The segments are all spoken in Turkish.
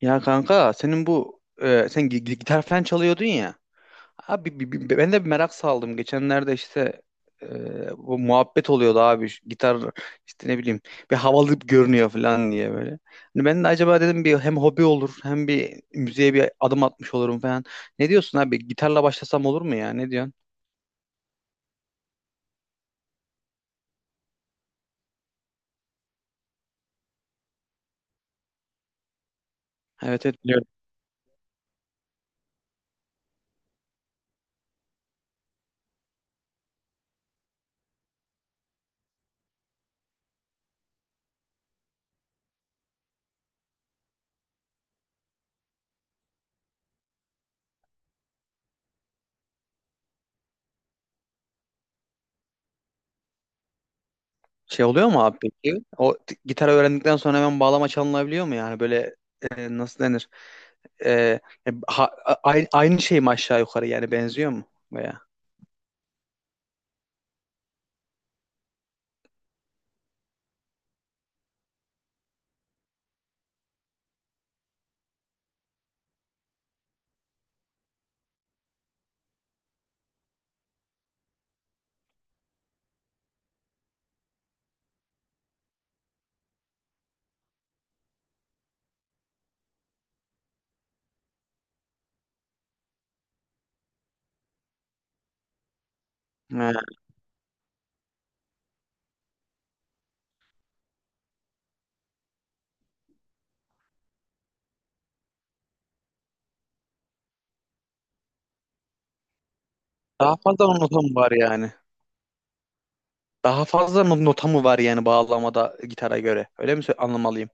Ya kanka senin bu sen gitar falan çalıyordun ya. Abi ben de bir merak saldım. Geçenlerde işte bu muhabbet oluyordu abi. Şu gitar işte ne bileyim bir havalı görünüyor falan diye böyle. Hani ben de acaba dedim bir hem hobi olur hem bir müziğe bir adım atmış olurum falan. Ne diyorsun abi? Gitarla başlasam olur mu ya? Ne diyorsun? Evet, evet, biliyorum. Şey oluyor mu abi peki? Gitar öğrendikten sonra hemen bağlama çalınabiliyor mu yani? Böyle nasıl denir? e, Aynı, şey mi aşağı yukarı yani benziyor mu veya? He. Daha fazla nota mı var yani? Daha fazla nota mı var yani bağlamada gitara göre? Öyle mi anlamalıyım?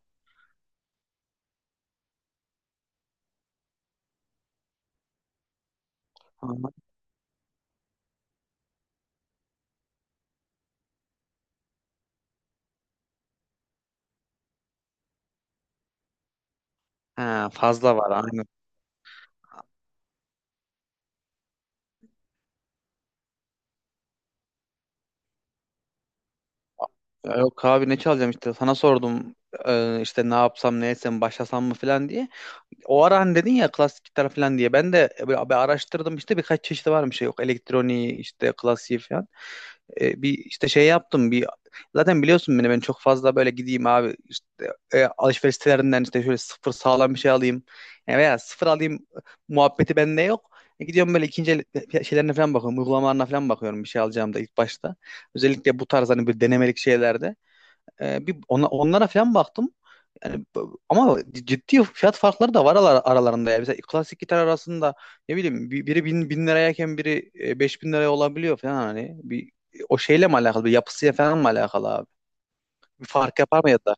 Anladım. Ha, fazla var aynen. Ya yok abi, ne çalacağım, işte sana sordum işte ne yapsam ne etsem başlasam mı falan diye. O ara hani dedin ya klasik gitar falan diye. Ben de böyle bir araştırdım, işte birkaç çeşidi varmış. Yok elektroniği, işte klasiği falan. Bir işte şey yaptım, bir zaten biliyorsun beni, ben çok fazla böyle gideyim abi işte alışveriş sitelerinden işte şöyle sıfır sağlam bir şey alayım. E, veya sıfır alayım muhabbeti bende yok. E, gidiyorum böyle ikinci el şeylerine falan bakıyorum. Uygulamalarına falan bakıyorum, bir şey alacağım da ilk başta. Özellikle bu tarz hani bir denemelik şeylerde. E, bir ona, onlara falan baktım. Yani ama ciddi fiyat farkları da var aralarında. Yani mesela klasik gitar arasında ne bileyim biri bin, bin lirayken biri beş bin liraya olabiliyor falan hani. Bir, o şeyle mi alakalı? Bir yapısıyla falan mı alakalı abi? Bir fark yapar mı ya da?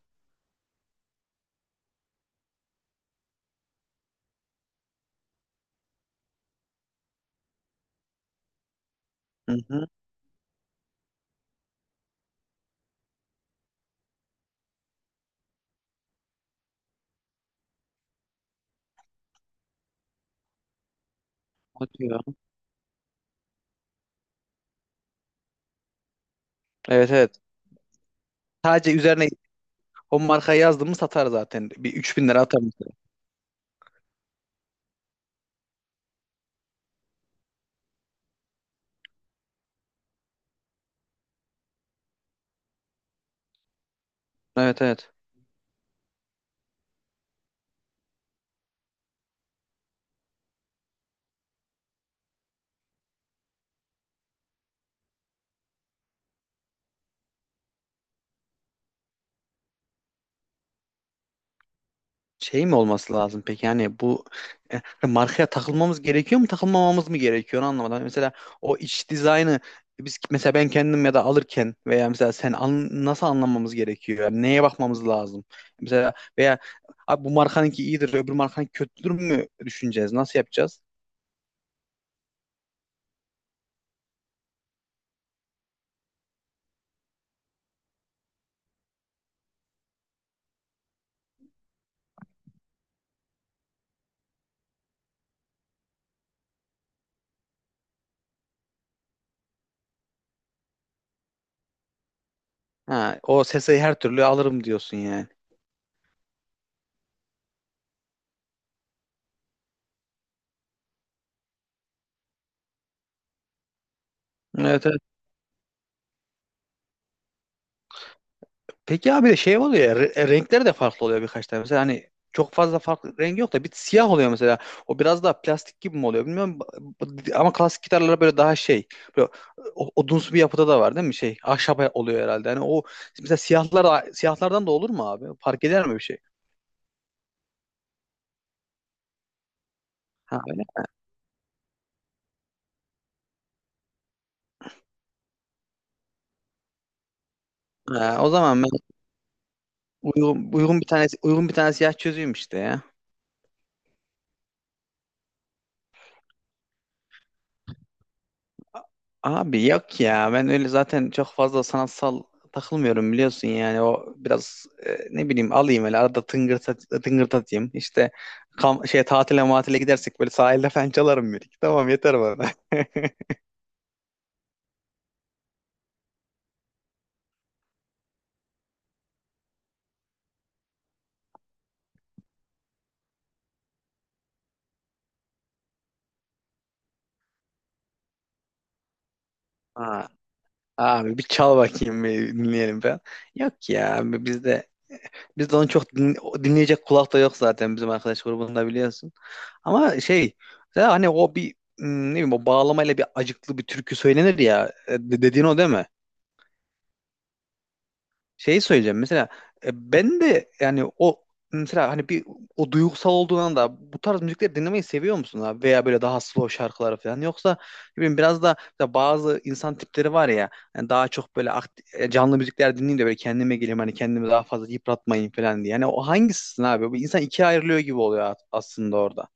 Hı hı. O diyor. Evet, evet. Sadece üzerine o markayı yazdım mı satar zaten. Bir 3000 lira atar mesela. Evet, evet. Şey mi olması lazım peki, yani bu markaya takılmamız gerekiyor mu, takılmamamız mı gerekiyor, onu anlamadım. Hani mesela o iç dizaynı, biz mesela ben kendim ya da alırken veya mesela sen nasıl anlamamız gerekiyor? Yani neye bakmamız lazım? Mesela veya abi bu markanınki iyidir öbür markanınki kötüdür mü düşüneceğiz? Nasıl yapacağız? Ha, o sesi her türlü alırım diyorsun yani. Evet, evet. Peki abi şey oluyor ya, renkleri de farklı oluyor birkaç tane. Mesela hani çok fazla farklı rengi yok da bir siyah oluyor mesela. O biraz daha plastik gibi mi oluyor bilmiyorum. Ama klasik gitarlara böyle daha şey. Böyle odunsu bir yapıda da var değil mi? Şey ahşap oluyor herhalde. Hani o mesela siyahlar siyahlardan da olur mu abi? Fark eder mi bir şey? Ha öyle. Ha, o zaman ben uygun bir tane siyah çözeyim işte ya. Abi yok ya, ben öyle zaten çok fazla sanatsal takılmıyorum biliyorsun, yani o biraz ne bileyim alayım öyle arada tıngırt, tıngırt atayım işte, şey tatile matile gidersek böyle sahilde falan çalarım bir iki, tamam yeter bana. Ha, abi bir çal bakayım bir dinleyelim falan. Yok ya abi bizde onu çok dinleyecek kulak da yok zaten bizim arkadaş grubunda biliyorsun. Ama şey, ya hani o bir ne bileyim, o bağlamayla bir acıklı bir türkü söylenir ya. E, dediğin o değil mi? Şey söyleyeceğim mesela, ben de yani o mesela hani bir, o duygusal olduğundan da bu tarz müzikleri dinlemeyi seviyor musun abi? Veya böyle daha slow şarkıları falan, yoksa ne bileyim biraz da mesela bazı insan tipleri var ya, yani daha çok böyle canlı müzikler dinleyeyim de böyle kendime geleyim, hani kendimi daha fazla yıpratmayayım falan diye. Yani o hangisisin abi? Bu insan ikiye ayrılıyor gibi oluyor aslında orada.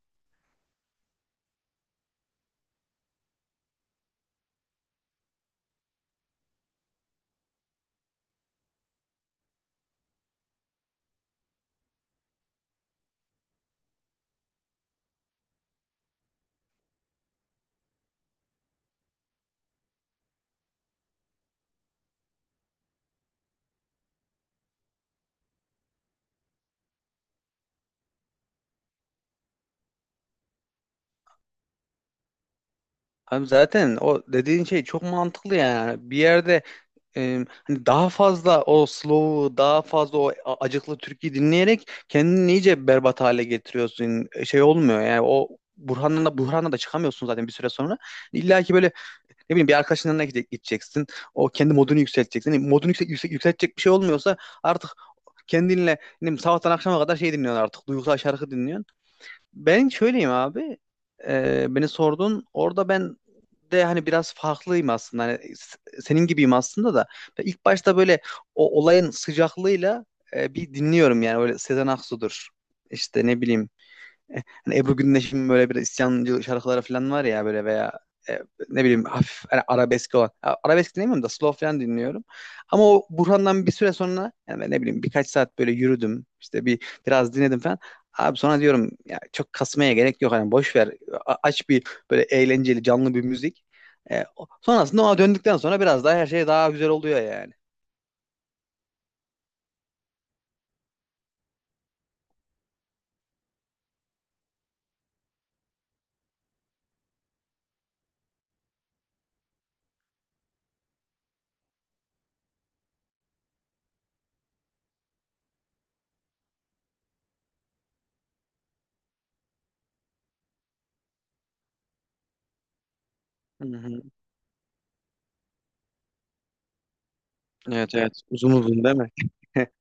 Abi zaten o dediğin şey çok mantıklı yani. Bir yerde hani daha fazla o slow'u, daha fazla o acıklı türküyü dinleyerek kendini iyice berbat hale getiriyorsun. E, şey olmuyor yani o Burhan'la da çıkamıyorsun zaten bir süre sonra. İlla ki böyle ne bileyim bir arkadaşın yanına gideceksin. O kendi modunu yükselteceksin. Yani modunu yükseltecek bir şey olmuyorsa artık kendinle ne bileyim, sabahtan akşama kadar şey dinliyorsun artık. Duygusal şarkı dinliyorsun. Ben şöyleyim abi. Beni sordun. Orada ben de hani biraz farklıyım aslında. Hani senin gibiyim aslında da. Ben ilk başta böyle o olayın sıcaklığıyla bir dinliyorum yani. Öyle Sezen Aksu'dur. İşte ne bileyim. E, hani Ebru Gündeş'in böyle bir isyancı şarkıları falan var ya böyle, veya e, ne bileyim hafif hani arabesk olan. Ha, arabesk dinlemiyorum da slow falan dinliyorum. Ama o Burhan'dan bir süre sonra yani ben ne bileyim birkaç saat böyle yürüdüm, işte bir biraz dinledim falan. Abi sonra diyorum ya çok kasmaya gerek yok hani, boş ver. Aç bir böyle eğlenceli canlı bir müzik. E, sonrasında ona döndükten sonra biraz daha her şey daha güzel oluyor yani. Hı hı. Evet, evet, uzun uzun değil mi?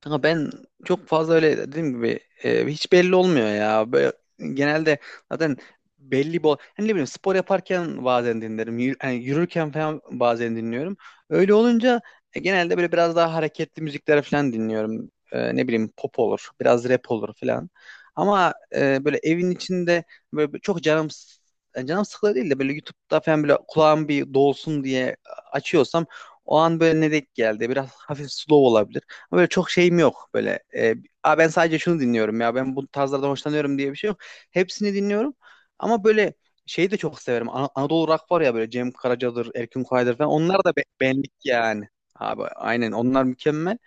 Kanka ben çok fazla öyle dediğim gibi hiç belli olmuyor ya. Böyle, genelde zaten belli bol. Hani ne bileyim spor yaparken bazen dinlerim. Hani yürürken falan bazen dinliyorum. Öyle olunca genelde böyle biraz daha hareketli müzikler falan dinliyorum. E, ne bileyim pop olur, biraz rap olur falan. Ama böyle evin içinde böyle çok canım yani canım sıkılıyor değil de böyle YouTube'da falan böyle kulağım bir dolsun diye açıyorsam, o an böyle ne denk geldi. Biraz hafif slow olabilir. Ama böyle çok şeyim yok böyle. E, "Aa, ben sadece şunu dinliyorum ya, ben bu tarzlardan hoşlanıyorum" diye bir şey yok. Hepsini dinliyorum ama böyle şeyi de çok severim. Anadolu Rock var ya böyle, Cem Karaca'dır, Erkin Koray'dır falan, onlar da benlik yani. Abi aynen onlar mükemmel.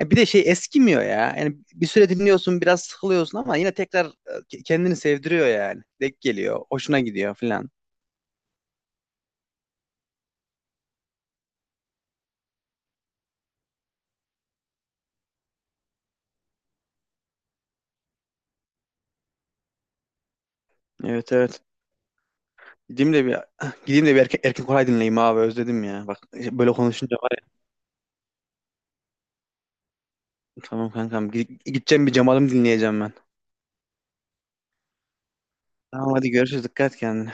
E, bir de şey eskimiyor ya. Yani bir süre dinliyorsun biraz sıkılıyorsun ama yine tekrar kendini sevdiriyor yani. Denk geliyor, hoşuna gidiyor falan. Evet, evet. Gideyim de bir gideyim de bir Erkin Koray dinleyeyim abi, özledim ya. Bak böyle konuşunca var ya. Tamam kankam. Gideceğim, bir Cemal'im dinleyeceğim ben. Tamam hadi görüşürüz. Dikkat et kendine.